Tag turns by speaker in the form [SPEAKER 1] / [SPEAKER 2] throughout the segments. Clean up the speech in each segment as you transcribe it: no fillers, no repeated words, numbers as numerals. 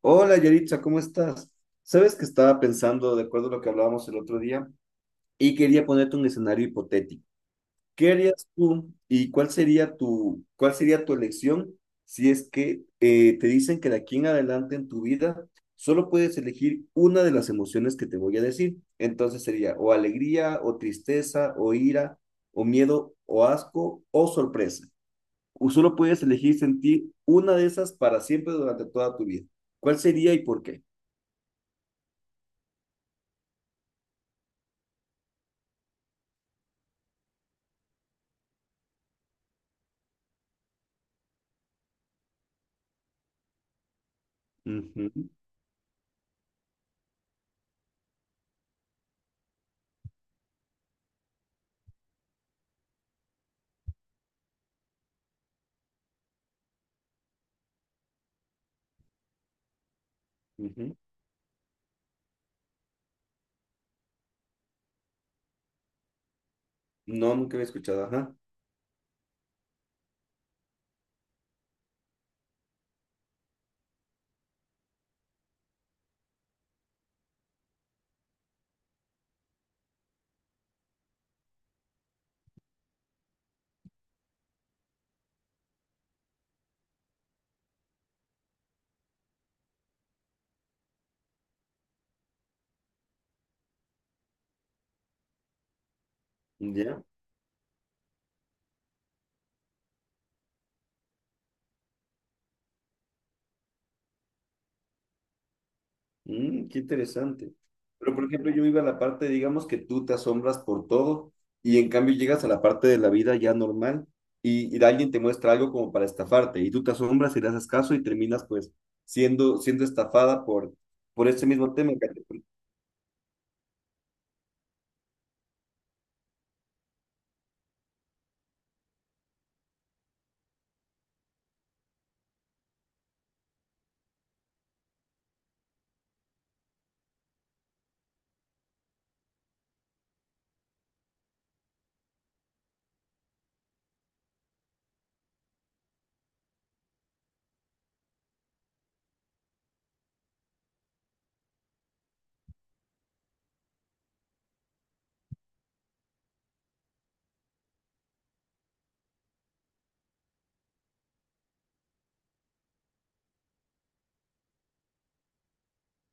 [SPEAKER 1] Hola Yaritza, ¿cómo estás? Sabes que estaba pensando, de acuerdo a lo que hablábamos el otro día, y quería ponerte un escenario hipotético. ¿Qué harías tú y cuál sería tu elección si es que te dicen que de aquí en adelante en tu vida solo puedes elegir una de las emociones que te voy a decir? Entonces sería o alegría, o tristeza, o ira, o miedo, o asco, o sorpresa. O solo puedes elegir sentir una de esas para siempre durante toda tu vida. ¿Cuál sería y por qué? Ujú, ujú. No, nunca había escuchado, ajá. Ya. Mm, qué interesante. Pero, por ejemplo, yo iba a la parte, digamos que tú te asombras por todo y en cambio llegas a la parte de la vida ya normal y alguien te muestra algo como para estafarte y tú te asombras y le haces caso y terminas pues siendo estafada por ese mismo tema.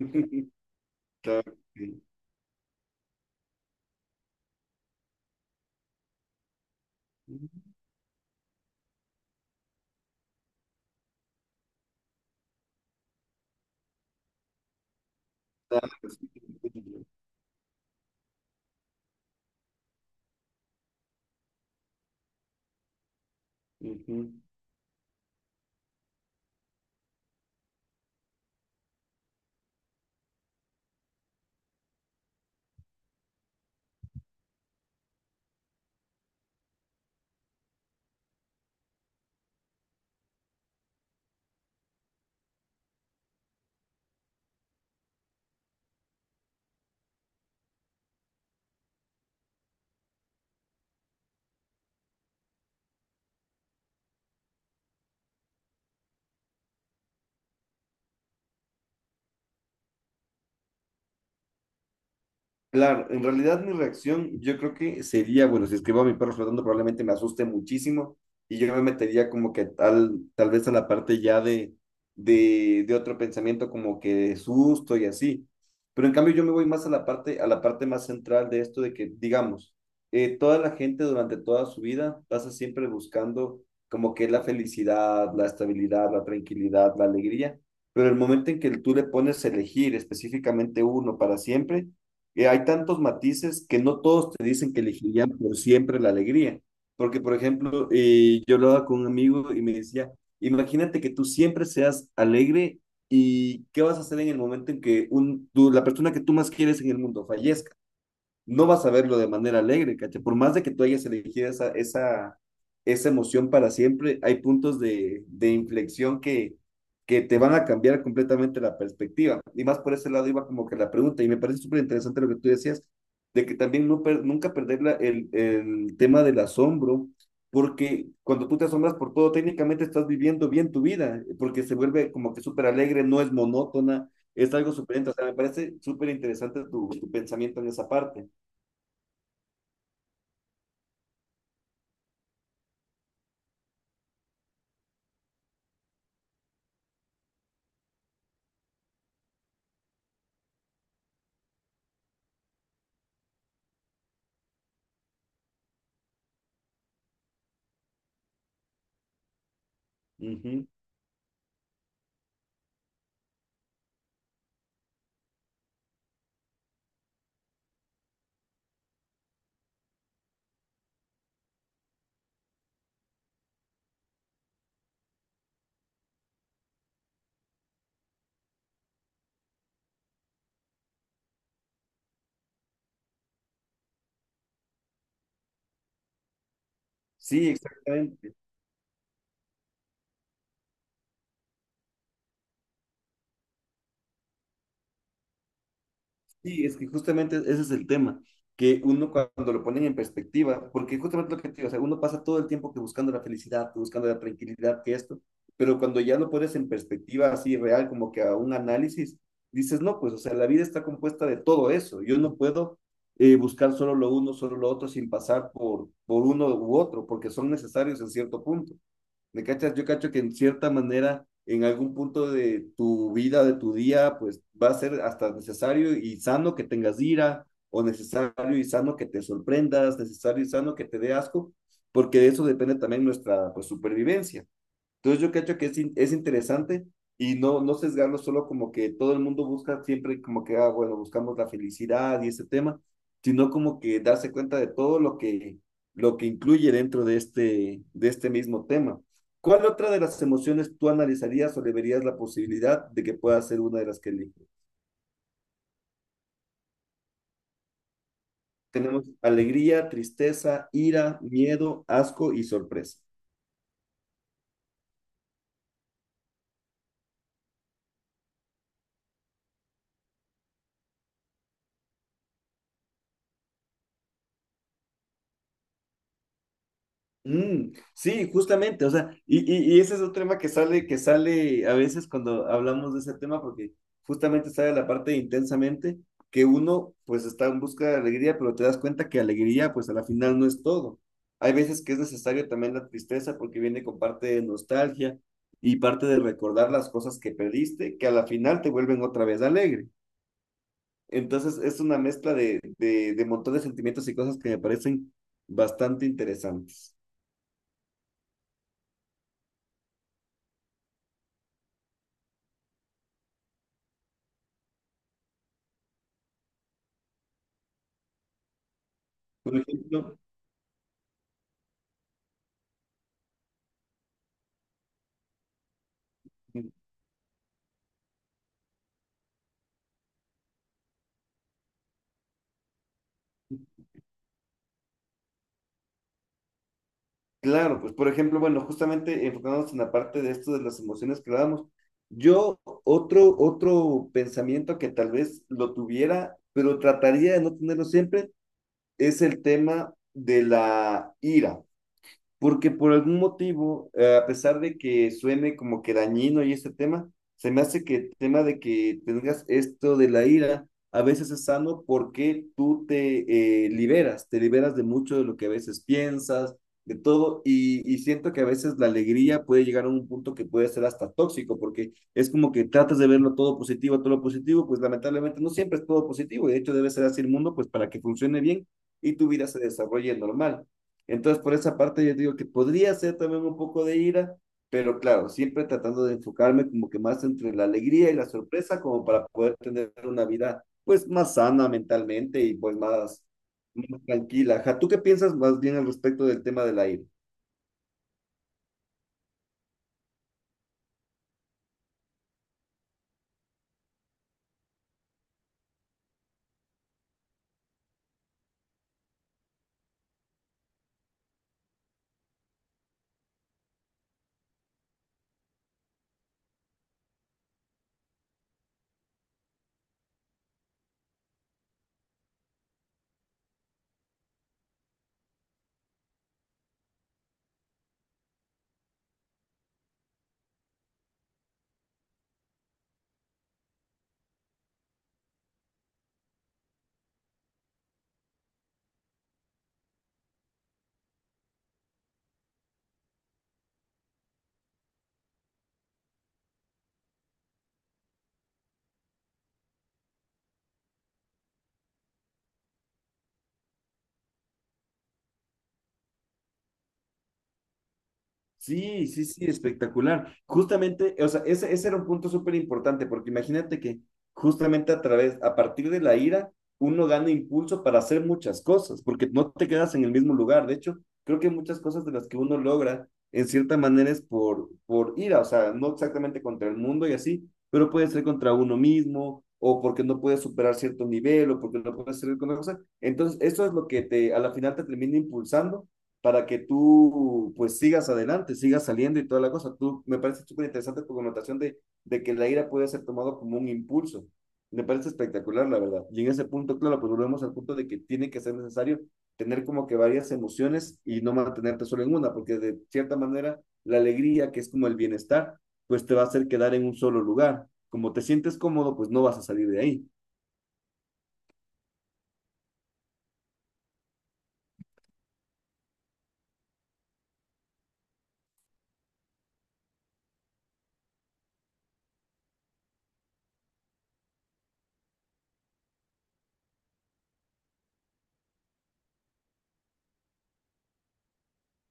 [SPEAKER 1] Claro que sí. Claro que sí. Ujú. Claro, en realidad mi reacción yo creo que sería, bueno, si escribo a mi perro flotando probablemente me asuste muchísimo y yo me metería como que tal vez a la parte ya de otro pensamiento como que de susto y así. Pero en cambio yo me voy más a la parte más central de esto de que, digamos, toda la gente durante toda su vida pasa siempre buscando como que la felicidad, la estabilidad, la tranquilidad, la alegría, pero el momento en que tú le pones a elegir específicamente uno para siempre, hay tantos matices que no todos te dicen que elegirían por siempre la alegría. Porque, por ejemplo, yo hablaba con un amigo y me decía, imagínate que tú siempre seas alegre y qué vas a hacer en el momento en que la persona que tú más quieres en el mundo fallezca no vas a verlo de manera alegre, ¿cachai? Por más de que tú hayas elegido esa emoción para siempre, hay puntos de inflexión que te van a cambiar completamente la perspectiva. Y más por ese lado iba como que la pregunta, y me parece súper interesante lo que tú decías, de que también nunca perder el tema del asombro, porque cuando tú te asombras por todo, técnicamente estás viviendo bien tu vida, porque se vuelve como que súper alegre, no es monótona, es algo súper, o sea, me parece súper interesante tu pensamiento en esa parte. Ujú. Sí, exactamente. Sí, es que justamente ese es el tema, que uno cuando lo ponen en perspectiva, porque justamente lo que te digo, o sea, uno pasa todo el tiempo que buscando la felicidad, que buscando la tranquilidad, que esto, pero cuando ya lo pones en perspectiva así real, como que a un análisis, dices, no, pues, o sea, la vida está compuesta de todo eso, yo no puedo buscar solo lo uno, solo lo otro, sin pasar por uno u otro, porque son necesarios en cierto punto. ¿Me cachas? Yo cacho que en cierta manera, en algún punto de tu vida, de tu día, pues va a ser hasta necesario y sano que tengas ira, o necesario y sano que te sorprendas, necesario y sano que te dé asco, porque de eso depende también nuestra pues, supervivencia. Entonces yo creo que es interesante y no, no sesgarlo solo como que todo el mundo busca siempre como que, ah, bueno, buscamos la felicidad y ese tema, sino como que darse cuenta de todo lo que incluye dentro de este mismo tema. ¿Cuál otra de las emociones tú analizarías o le verías la posibilidad de que pueda ser una de las que elijo? Tenemos alegría, tristeza, ira, miedo, asco y sorpresa. Mm, sí, justamente, o sea, y ese es otro tema que sale a veces cuando hablamos de ese tema, porque justamente sale la parte de intensamente, que uno pues está en busca de alegría, pero te das cuenta que alegría pues a la final no es todo. Hay veces que es necesario también la tristeza porque viene con parte de nostalgia y parte de recordar las cosas que perdiste, que a la final te vuelven otra vez alegre. Entonces es una mezcla de montón de sentimientos y cosas que me parecen bastante interesantes. Por ejemplo, claro, pues por ejemplo, bueno, justamente enfocándonos en la parte de esto de las emociones que dábamos, otro pensamiento que tal vez lo tuviera, pero trataría de no tenerlo siempre, es el tema de la ira. Porque por algún motivo, a pesar de que suene como que dañino y este tema, se me hace que el tema de que tengas esto de la ira a veces es sano porque tú te liberas, te liberas de mucho de lo que a veces piensas, de todo, y siento que a veces la alegría puede llegar a un punto que puede ser hasta tóxico, porque es como que tratas de verlo todo positivo, todo lo positivo, pues lamentablemente no siempre es todo positivo, y de hecho debe ser así el mundo, pues para que funcione bien y tu vida se desarrolle normal. Entonces, por esa parte yo digo que podría ser también un poco de ira, pero claro, siempre tratando de enfocarme como que más entre la alegría y la sorpresa, como para poder tener una vida pues más sana mentalmente y pues más, más tranquila. Ajá, ¿tú qué piensas más bien al respecto del tema de la ira? Sí, sí, sí, espectacular. Justamente, o sea, ese era un punto súper importante, porque imagínate que justamente a través, a partir de la ira, uno gana impulso para hacer muchas cosas, porque no te quedas en el mismo lugar. De hecho, creo que muchas cosas de las que uno logra, en cierta manera, es por ira, o sea, no exactamente contra el mundo y así, pero puede ser contra uno mismo, o porque no puedes superar cierto nivel, o porque no puedes hacer con otra cosa. Entonces, eso es lo que te, a la final te termina impulsando para que tú pues sigas adelante, sigas saliendo y toda la cosa. Tú, me parece súper interesante tu connotación de que la ira puede ser tomado como un impulso. Me parece espectacular, la verdad. Y en ese punto, claro, pues volvemos al punto de que tiene que ser necesario tener como que varias emociones y no mantenerte solo en una, porque de cierta manera la alegría, que es como el bienestar, pues te va a hacer quedar en un solo lugar. Como te sientes cómodo, pues no vas a salir de ahí.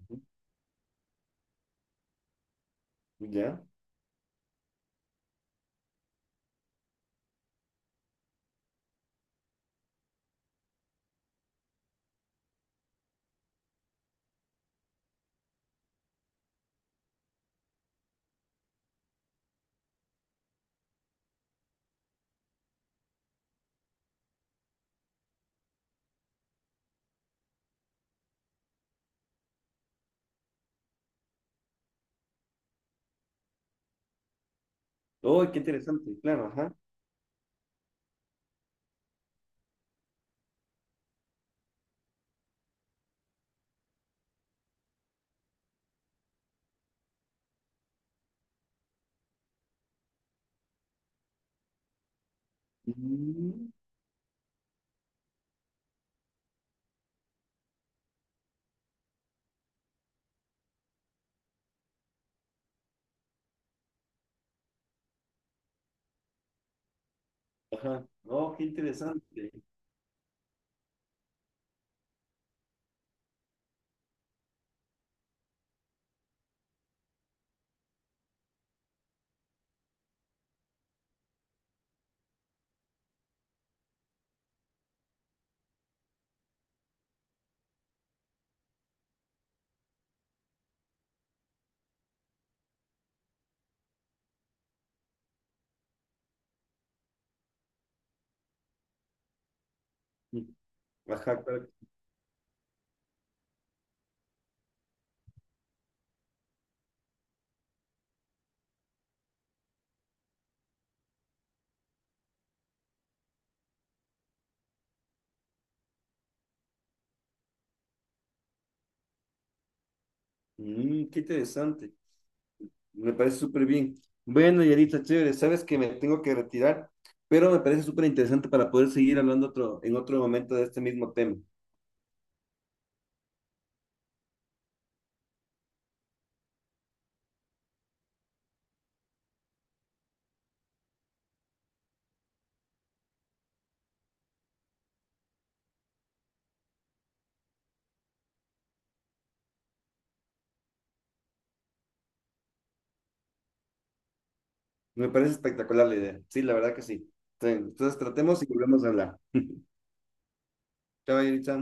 [SPEAKER 1] Ujú. ¿Ya? Oh, qué interesante, claro, ajá. Mm, ajá. Oh, qué interesante. Ajá, claro. Mm, qué interesante. Me parece súper bien. Bueno, Yarita, chévere, sabes que me tengo que retirar, pero me parece súper interesante para poder seguir hablando otro, en otro momento de este mismo tema. Me parece espectacular la idea. Sí, la verdad que sí. Entonces, tratemos y volvemos a hablar. Chao, Yarita.